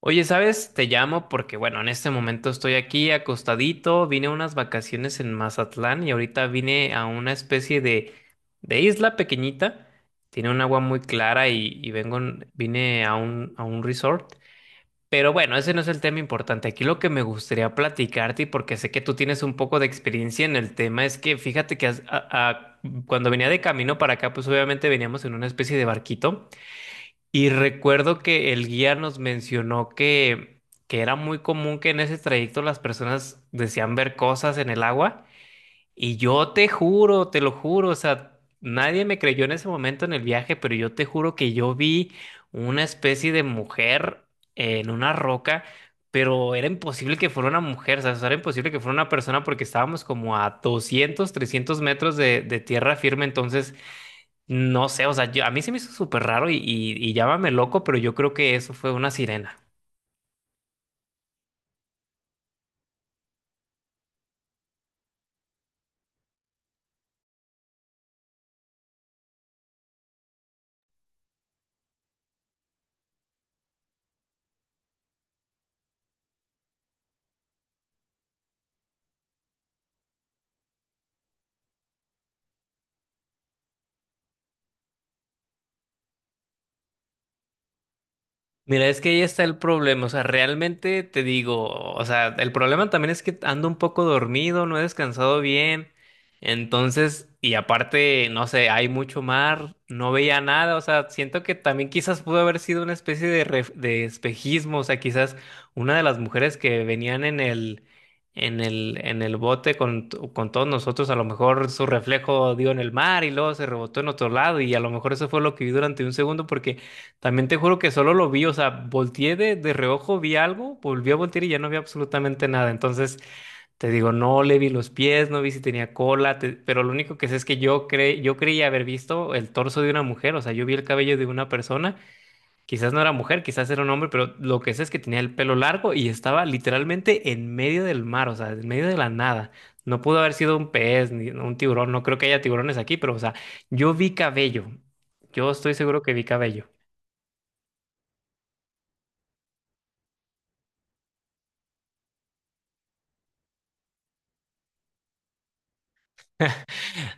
Oye, ¿sabes? Te llamo porque, bueno, en este momento estoy aquí acostadito, vine a unas vacaciones en Mazatlán y ahorita vine a una especie de isla pequeñita, tiene un agua muy clara y vengo, vine a un resort. Pero bueno, ese no es el tema importante. Aquí lo que me gustaría platicarte, y porque sé que tú tienes un poco de experiencia en el tema, es que fíjate que cuando venía de camino para acá, pues obviamente veníamos en una especie de barquito. Y recuerdo que el guía nos mencionó que era muy común que en ese trayecto las personas decían ver cosas en el agua. Y yo te juro, te lo juro, o sea, nadie me creyó en ese momento en el viaje, pero yo te juro que yo vi una especie de mujer en una roca, pero era imposible que fuera una mujer, o sea, era imposible que fuera una persona porque estábamos como a 200 300 metros de tierra firme, entonces... No sé, o sea, a mí se me hizo súper raro y llámame loco, pero yo creo que eso fue una sirena. Mira, es que ahí está el problema, o sea, realmente te digo, o sea, el problema también es que ando un poco dormido, no he descansado bien, entonces, y aparte, no sé, hay mucho mar, no veía nada, o sea, siento que también quizás pudo haber sido una especie de, de espejismo, o sea, quizás una de las mujeres que venían en el, en el bote con, con todos nosotros, a lo mejor su reflejo dio en el mar y luego se rebotó en otro lado y a lo mejor eso fue lo que vi durante un segundo porque... También te juro que solo lo vi, o sea, volteé de reojo, vi algo, volví a voltear y ya no vi absolutamente nada. Entonces, te digo, no le vi los pies, no vi si tenía cola, pero lo único que sé es que yo creía haber visto el torso de una mujer, o sea, yo vi el cabello de una persona, quizás no era mujer, quizás era un hombre, pero lo que sé es que tenía el pelo largo y estaba literalmente en medio del mar, o sea, en medio de la nada. No pudo haber sido un pez ni un tiburón, no creo que haya tiburones aquí, pero, o sea, yo vi cabello. Yo estoy seguro que vi cabello.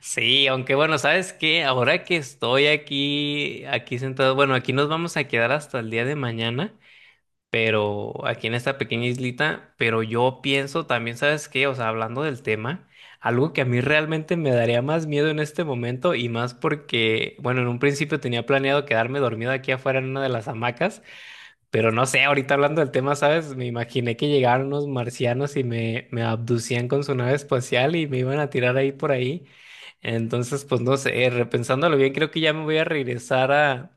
Sí, aunque bueno, ¿sabes qué? Ahora que estoy aquí, aquí sentado, bueno, aquí nos vamos a quedar hasta el día de mañana, pero aquí en esta pequeña islita, pero yo pienso también, ¿sabes qué? O sea, hablando del tema, algo que a mí realmente me daría más miedo en este momento y más porque, bueno, en un principio tenía planeado quedarme dormido aquí afuera en una de las hamacas, pero no sé, ahorita hablando del tema, ¿sabes? Me imaginé que llegaron unos marcianos y me abducían con su nave espacial y me iban a tirar ahí por ahí. Entonces, pues no sé, repensándolo bien, creo que ya me voy a regresar a,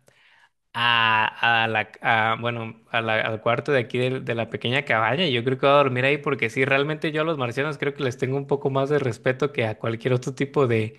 bueno, a al cuarto de aquí de, la pequeña cabaña. Yo creo que voy a dormir ahí porque sí, realmente yo a los marcianos creo que les tengo un poco más de respeto que a cualquier otro tipo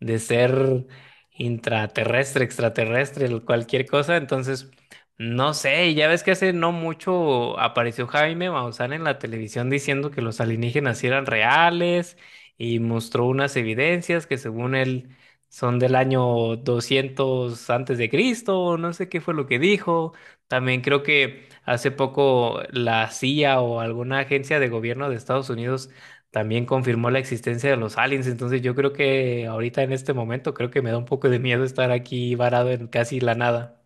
de ser intraterrestre, extraterrestre, cualquier cosa. Entonces, no sé, ya ves que hace no mucho apareció Jaime Maussan en la televisión diciendo que los alienígenas sí eran reales y mostró unas evidencias que según él son del año 200 antes de Cristo, o no sé qué fue lo que dijo. También creo que hace poco la CIA o alguna agencia de gobierno de Estados Unidos también confirmó la existencia de los aliens. Entonces yo creo que ahorita en este momento creo que me da un poco de miedo estar aquí varado en casi la nada.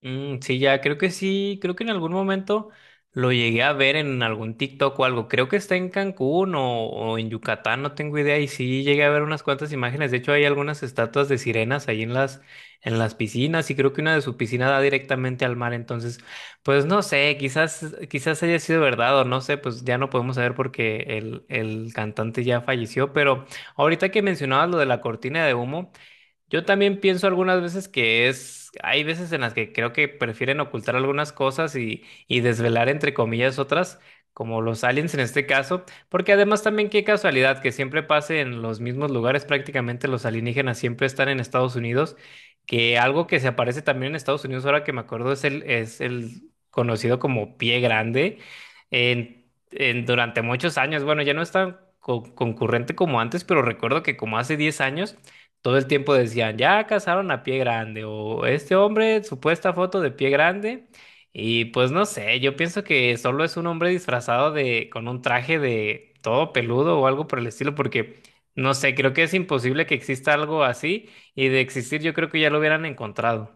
Mm, sí, ya, creo que sí, creo que en algún momento lo llegué a ver en algún TikTok o algo. Creo que está en Cancún o en Yucatán, no tengo idea. Y sí, llegué a ver unas cuantas imágenes. De hecho, hay algunas estatuas de sirenas ahí en las piscinas y creo que una de sus piscinas da directamente al mar. Entonces, pues no sé, quizás, quizás haya sido verdad o no sé, pues ya no podemos saber porque el cantante ya falleció. Pero ahorita que mencionabas lo de la cortina de humo. Yo también pienso algunas veces que es, hay veces en las que creo que prefieren ocultar algunas cosas y desvelar entre comillas otras, como los aliens en este caso, porque además también qué casualidad que siempre pase en los mismos lugares, prácticamente los alienígenas siempre están en Estados Unidos, que algo que se aparece también en Estados Unidos, ahora que me acuerdo, es el conocido como pie grande, en- durante muchos años, bueno, ya no es tan concurrente como antes, pero recuerdo que como hace 10 años, todo el tiempo decían, ya cazaron a pie grande o este hombre, supuesta foto de pie grande. Y pues no sé, yo pienso que solo es un hombre disfrazado de, con un traje de todo peludo o algo por el estilo, porque no sé, creo que es imposible que exista algo así y de existir yo creo que ya lo hubieran encontrado.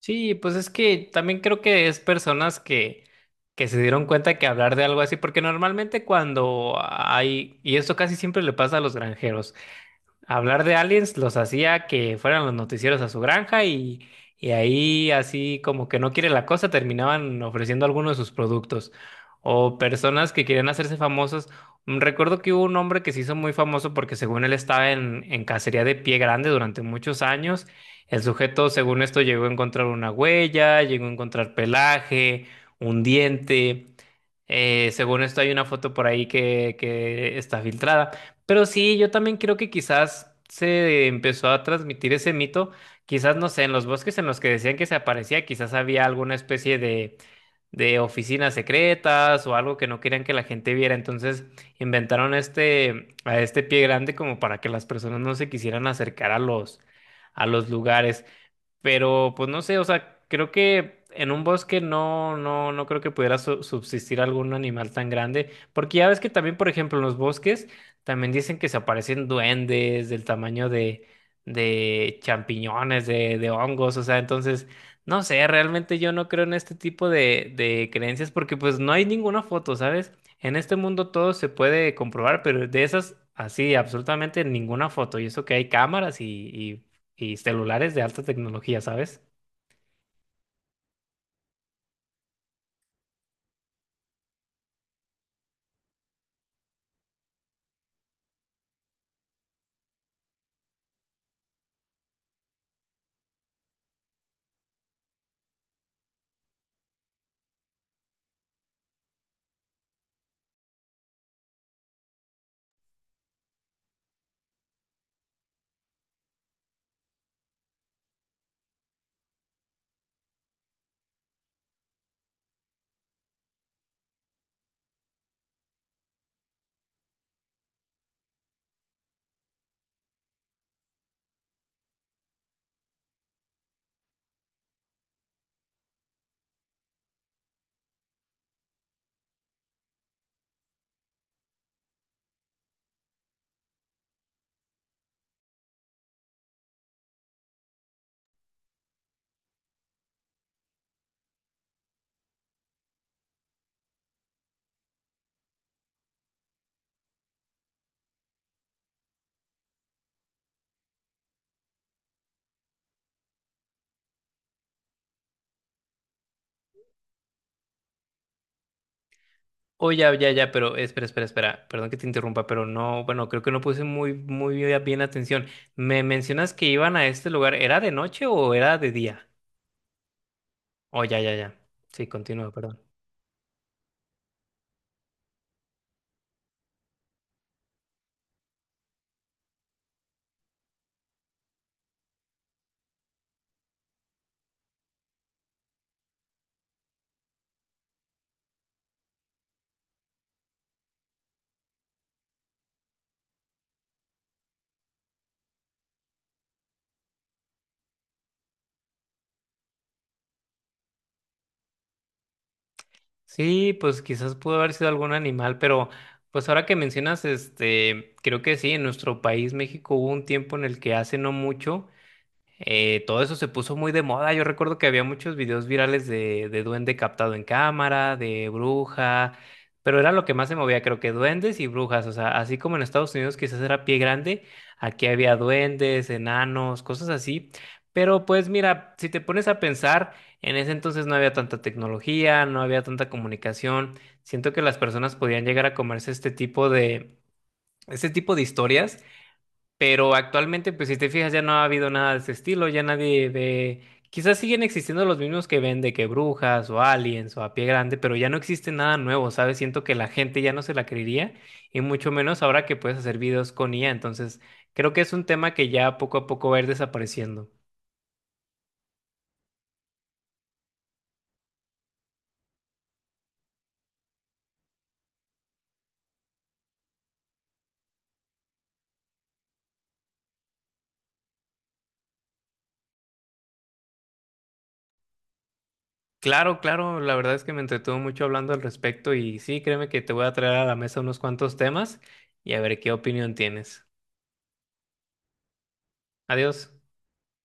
Sí, pues es que también creo que es personas que se dieron cuenta que hablar de algo así, porque normalmente cuando hay, y esto casi siempre le pasa a los granjeros, hablar de aliens los hacía que fueran los noticieros a su granja y ahí así como que no quiere la cosa terminaban ofreciendo algunos de sus productos o personas que querían hacerse famosas. Mm, recuerdo que hubo un hombre que se hizo muy famoso porque según él estaba en cacería de pie grande durante muchos años. El sujeto según esto llegó a encontrar una huella, llegó a encontrar pelaje, un diente. Según esto hay una foto por ahí que está filtrada. Pero sí, yo también creo que quizás se empezó a transmitir ese mito, quizás no sé, en los bosques en los que decían que se aparecía, quizás había alguna especie de oficinas secretas o algo que no querían que la gente viera, entonces inventaron este, a este pie grande como para que las personas no se quisieran acercar a los lugares. Pero pues no sé, o sea, creo que en un bosque no, no, no creo que pudiera subsistir algún animal tan grande. Porque ya ves que también, por ejemplo, en los bosques también dicen que se aparecen duendes del tamaño de champiñones, de hongos. O sea, entonces, no sé, realmente yo no creo en este tipo de creencias porque pues no hay ninguna foto, ¿sabes? En este mundo todo se puede comprobar, pero de esas, así, absolutamente ninguna foto. Y eso que hay cámaras y celulares de alta tecnología, ¿sabes? Oh, ya, ya, ya, pero espera, espera, espera. Perdón que te interrumpa, pero no, bueno, creo que no puse muy, muy bien atención. Me mencionas que iban a este lugar. ¿Era de noche o era de día? Oh, ya, ya, ya. Sí, continúa, perdón. Sí, pues quizás pudo haber sido algún animal, pero pues ahora que mencionas, este, creo que sí, en nuestro país, México, hubo un tiempo en el que hace no mucho. Todo eso se puso muy de moda. Yo recuerdo que había muchos videos virales de duende captado en cámara, de bruja, pero era lo que más se movía, creo que duendes y brujas. O sea, así como en Estados Unidos quizás era pie grande, aquí había duendes, enanos, cosas así. Pero pues mira, si te pones a pensar, en ese entonces no había tanta tecnología, no había tanta comunicación. Siento que las personas podían llegar a comerse este tipo de historias pero actualmente, pues si te fijas, ya no ha habido nada de ese estilo, ya nadie de... Quizás siguen existiendo los mismos que ven de que brujas o aliens o a pie grande, pero ya no existe nada nuevo, ¿sabes? Siento que la gente ya no se la creería y mucho menos ahora que puedes hacer videos con IA. Entonces, creo que es un tema que ya poco a poco va a ir desapareciendo. Claro, claro, la verdad es que me entretuvo mucho hablando al respecto y sí, créeme que te voy a traer a la mesa unos cuantos temas y a ver qué opinión tienes. Adiós.